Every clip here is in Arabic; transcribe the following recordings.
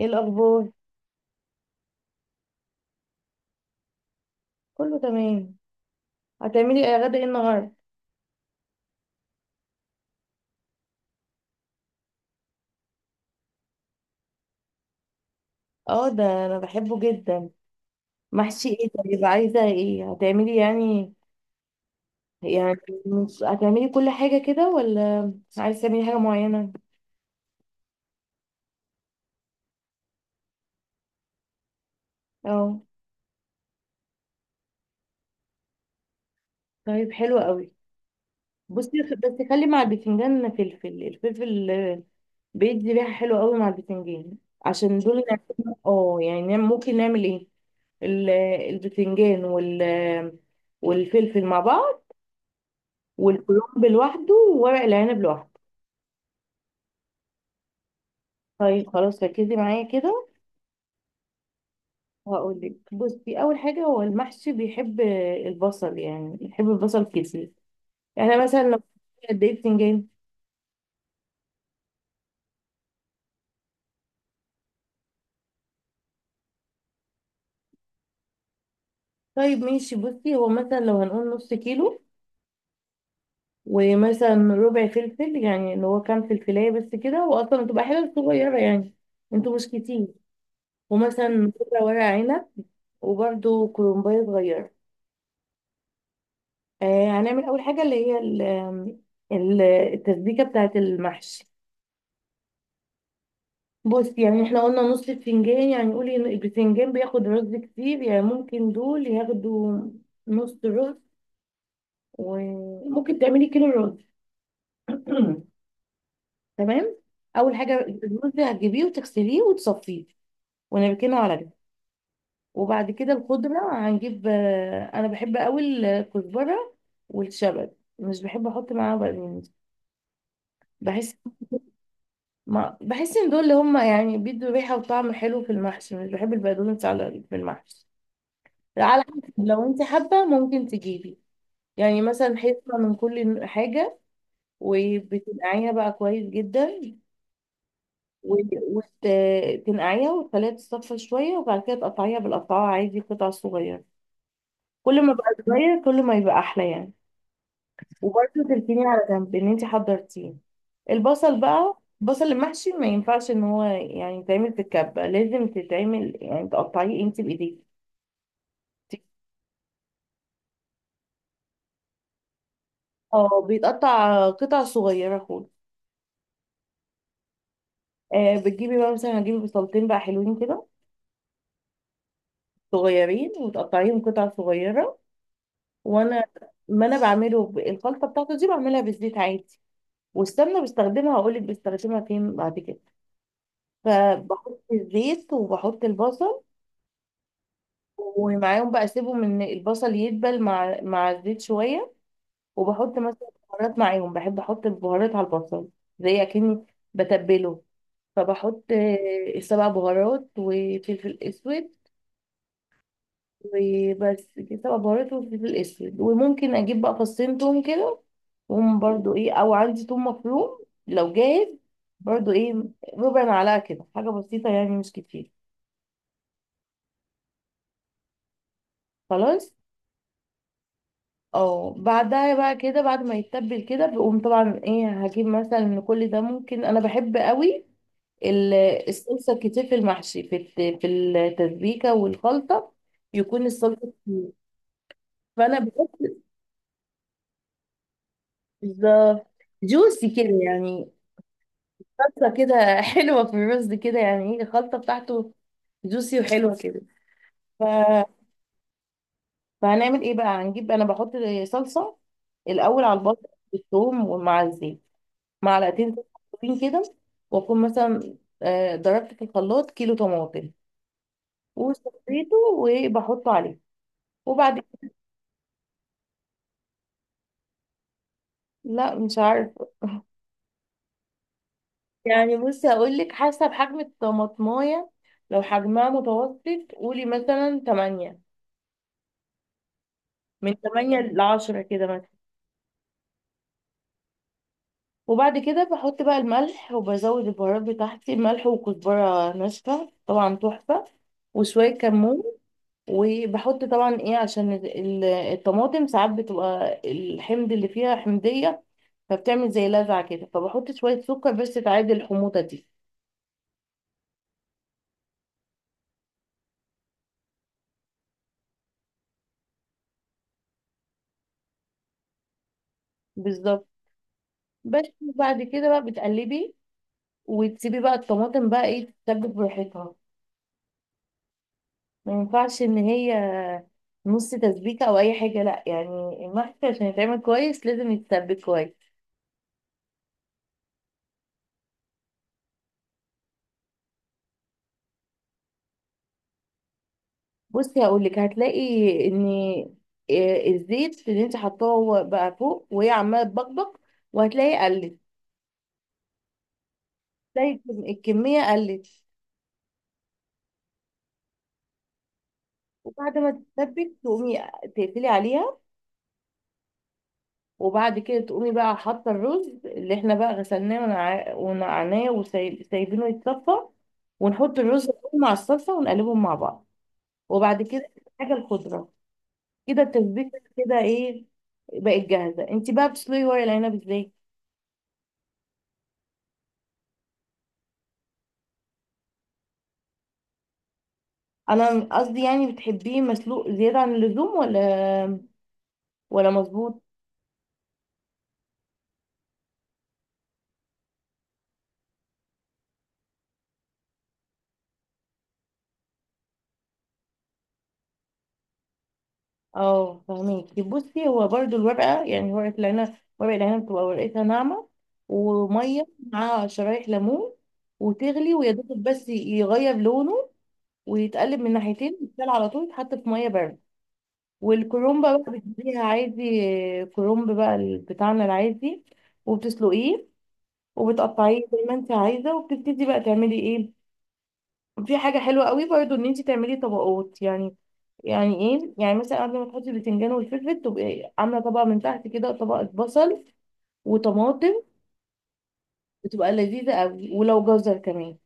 ايه الاخبار؟ كله تمام. هتعملي ايه غدا؟ ايه النهارده؟ اه، ده انا بحبه جدا. محشي ايه؟ طيب، عايزه ايه هتعملي يعني هتعملي كل حاجه كده ولا عايزه تعملي حاجه معينه؟ اه، طيب حلو قوي. بصي، بس خلي مع البتنجان فلفل. الفلفل بيدي ريحه حلوه قوي مع البتنجان. عشان دول ممكن نعمل ايه؟ ال- البتنجان والفلفل مع بعض، والكرنب لوحده، وورق العنب لوحده. طيب خلاص، ركزي معايا كده. وهقول لك، بصي، اول حاجه هو المحشي بيحب البصل، يعني بيحب البصل كتير. يعني مثلا لو قد ايه بتنجان؟ طيب ماشي. بصي، هو مثلا لو هنقول نص كيلو، ومثلا ربع فلفل، يعني اللي هو كام فلفلايه بس كده، واصلا بتبقى حاجه صغيره يعني، انتوا مش كتير. ومثلا ربع ورق عنب، وبرده كرنبايه صغيره. هنعمل اول حاجه اللي هي التسبيكه بتاعه المحشي. بص، يعني احنا قلنا نص الفنجان، يعني قولي إن الفنجان بياخد رز كتير، يعني ممكن دول ياخدوا نص رز، وممكن تعملي كيلو رز. تمام. اول حاجه الرز هتجيبيه وتغسليه وتصفيه ونركنه على جنب. وبعد كده الخضره هنجيب، انا بحب قوي الكزبره والشبت. مش بحب احط معاها بقدونس. بحس ما بحس ان دول اللي هم يعني بيدوا ريحه وطعم حلو في المحشي. مش بحب البقدونس على في المحشي، على حسب. لو انت حابه ممكن تجيبي، يعني مثلا حته من كل حاجه. وبتنقعيها بقى كويس جدا، وتنقعيها وتخليها تتصفى شويه، وبعد كده تقطعيها بالقطعه عادي قطع صغيره. كل ما بقى صغير كل ما يبقى احلى يعني. وبرده تركيني على جنب ان انت حضرتيه. البصل بقى. البصل المحشي ما ينفعش ان هو يعني يتعمل في الكبة، لازم تتعمل يعني تقطعيه انت بايديك. اه، بيتقطع قطع صغيرة خالص. بتجيبي بقى مثلا، هجيب بصلتين بقى حلوين كده صغيرين، وتقطعيهم قطع صغيرة. وانا ما انا بعمله، الخلطة بتاعته دي بعملها بالزيت عادي. والسمنة بستخدمها، هقولك بستخدمها فين بعد كده. فبحط الزيت وبحط البصل، ومعاهم بقى اسيبهم ان البصل يدبل مع الزيت شويه. وبحط مثلا بهارات معاهم، بحب احط البهارات على البصل، زي اكني بتبله. فبحط سبع بهارات وفلفل اسود، وبس كده. سبع بهارات وفلفل اسود، وممكن اجيب بقى فصين توم كده، وهم برضو ايه، او عندي توم مفروم لو جاهز، برضو ايه، ربع معلقه كده، حاجه بسيطه يعني مش كتير. خلاص. اه، بعدها بقى كده بعد ما يتبل كده، بقوم طبعا ايه، هجيب مثلا من كل ده. ممكن انا بحب قوي ال- الصلصه كتير في المحشي، في التسبيكه والخلطه يكون الصلصه كتير. فانا بحط، بالظبط، جوسي كده يعني، صلصه كده حلوه في الرز كده، يعني ايه، الخلطه بتاعته جوسي وحلوه كده. ف... فهنعمل ايه بقى؟ هنجيب، انا بحط صلصه الاول على البصل والثوم ومع الزيت، معلقتين زيت مبشورين كده. واكون مثلا ضربت في الخلاط كيلو طماطم وصفيته وبحطه عليه. وبعد لا، مش عارف. يعني، بصي هقول لك، حسب حجم الطماطمايه، لو حجمها متوسط قولي مثلا 8، من 8 ل 10 كده مثلا. وبعد كده بحط بقى الملح وبزود البهارات بتاعتي، ملح وكزبره ناشفه طبعا تحفه وشويه كمون. وبحط طبعا ايه عشان الطماطم ساعات بتبقى الحمض اللي فيها حمضية، فبتعمل زي لذعة كده، فبحط شوية سكر بس تعادل الحموضة دي. بالظبط. بس بعد كده بقى بتقلبي، وتسيبي بقى الطماطم بقى ايه تتسبك براحتها. ما ينفعش ان هي نص تسبيكة او اي حاجة، لا، يعني المحشي عشان يتعمل كويس لازم يتسبك كويس. بصي هقول لك، هتلاقي ان إيه الزيت اللي انت حطاه هو بقى فوق وهي عماله تبقبق، وهتلاقي قلت، تلاقي الكميه قلت. وبعد ما تتسبك تقومي تقفلي عليها، وبعد كده تقومي بقى حاطه الرز اللي احنا بقى غسلناه ونقعناه وسايبينه يتصفى، ونحط الرز مع الصلصه ونقلبهم مع بعض. وبعد كده حاجه الخضره. كده التسبيكه كده ايه، بقت جاهزه. انت بقى بتسلقي ورق العنب ازاي؟ انا قصدي يعني، بتحبيه مسلوق زياده عن اللزوم ولا مظبوط؟ اه، فهميكي. بصي، هو برضو الورقه، يعني ورقه العنب بتبقى ورقتها ناعمه، وميه مع شرايح ليمون، وتغلي ويا دوب بس يغير لونه، ويتقلب من ناحيتين، يتسال على طول، يتحط في ميه بارده. والكرومبا بقى بتجيبيها عادي. كرومب بقى بتاعنا العادي، وبتسلقيه وبتقطعيه زي ما انت عايزه، وبتبتدي بقى تعملي ايه. في حاجة حلوة قوي برضو، ان انت تعملي طبقات يعني. يعني ايه، يعني مثلا قبل ما تحطي البتنجان والفلفل، تبقي عاملة طبقة من تحت كده، طبقة بصل وطماطم، بتبقى لذيذة قوي، ولو جزر كمان.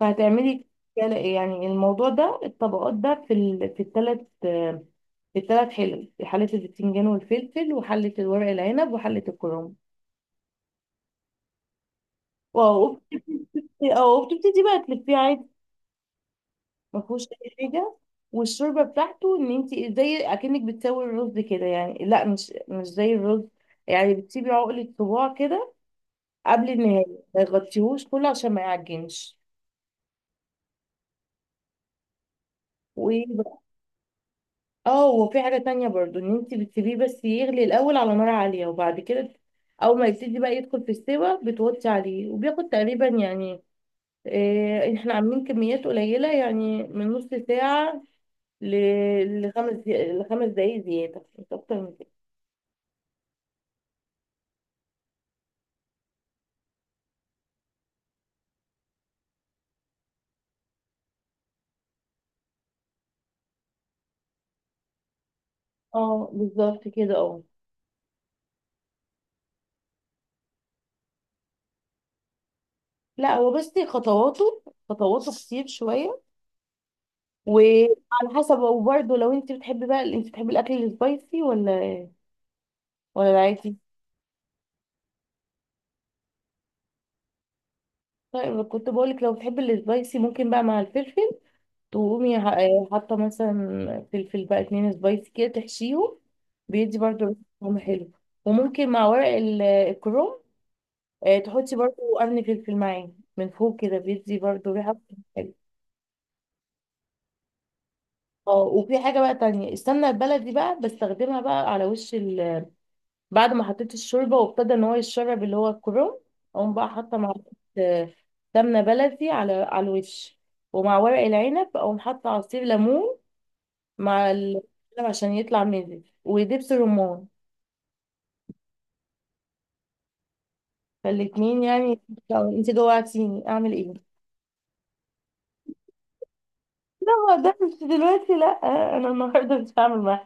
فهتعملي يعني الموضوع ده، الطبقات ده في في الثلاث حلل، في حلة البتنجان والفلفل، وحلة الورق العنب، وحلة الكرنب. واو. وبتبتدي بقى تلفيه عادي، ما فيهوش اي حاجه. والشوربه بتاعته ان انت زي اكنك بتسوي الرز كده يعني، لا، مش زي الرز، يعني بتسيبي عقله صباع كده قبل النهايه، ما يغطيهوش كله عشان ما يعجنش. وايه بقى، اه وفي حاجه تانية برضو، ان انت بتسيبيه بس يغلي الاول على نار عاليه، وبعد كده اول ما يبتدي بقى يدخل في السوا بتوطي عليه. وبياخد تقريبا يعني إيه، احنا عاملين كميات قليله يعني، من نص ساعه لخمس دقايق زياده، مش اكتر من كده. اه، بالظبط كده، اه. لا هو، بصي، خطواته كتير شويه، وعلى حسب. وبرده لو انت بتحبي بقى، انت بتحبي الاكل السبايسي ولا العادي؟ طيب كنت بقولك لو بتحبي السبايسي، ممكن بقى مع الفلفل تقومي حاطه مثلا فلفل بقى اتنين سبايسي كده، تحشيهم، بيدي برضه طعم حلو. وممكن مع ورق الكروم، تحطي برضه قرن فلفل معاه من فوق كده، بيدي برضه ريحه حلوة. اه وفي حاجة بقى تانية، السمنة البلدي بقى بستخدمها بقى على وش بعد ما حطيت الشوربة وابتدى ان هو يتشرب اللي هو الكرنب، اقوم بقى حاطة معلقة آه، سمنة بلدي على الوش. ومع ورق العنب اقوم حاطة عصير ليمون مع عشان يطلع مزز، ودبس رمان، فالاتنين يعني. لو انت جوعتيني اعمل ايه؟ لا، ما اقدرش دلوقتي، لا. انا النهارده مش هعمل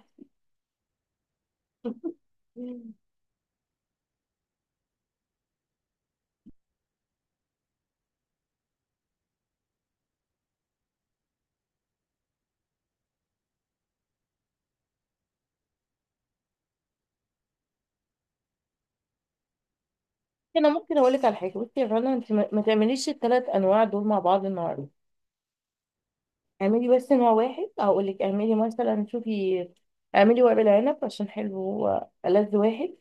محشي انا ممكن اقول لك على حاجه. بصي يا رنا، انت ما تعمليش الثلاث انواع دول مع بعض النهارده. اعملي بس نوع واحد. هقول لك، اعملي مثلا، شوفي، اعملي ورق العنب، عشان حلو، هو ألذ واحد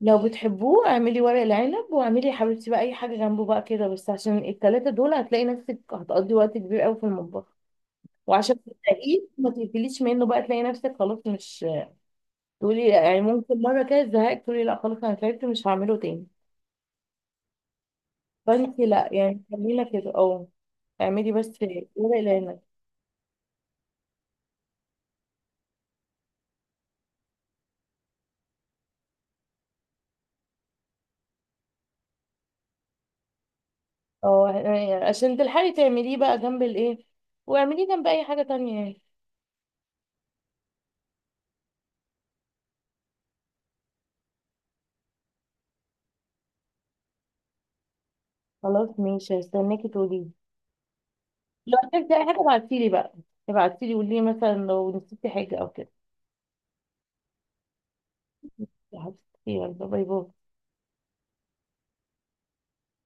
لو بتحبوه. اعملي ورق العنب، واعملي يا حبيبتي بقى اي حاجه جنبه بقى كده، بس عشان الثلاثه دول هتلاقي نفسك هتقضي وقت كبير قوي في المطبخ، وعشان تلاقيه ما تقفليش منه بقى، تلاقي نفسك خلاص، مش تقولي يعني، ممكن مره كده زهقت، تقولي لا خلاص انا تعبت مش هعمله تاني. فانت لا، يعني خلينا كده. اه اعملي بس ورق العنب. اه، يعني عشان تلحقي تعمليه بقى جنب الايه، واعمليه جنب اي حاجه تانية يعني. خلاص ماشي، هستناكي تقولي لي. لو احتجتي اي حاجه ابعتيلي بقى، ابعتيلي قولي لي مثلا لو نسيتي حاجه او كده. يا حبيبتي، يلا باي باي.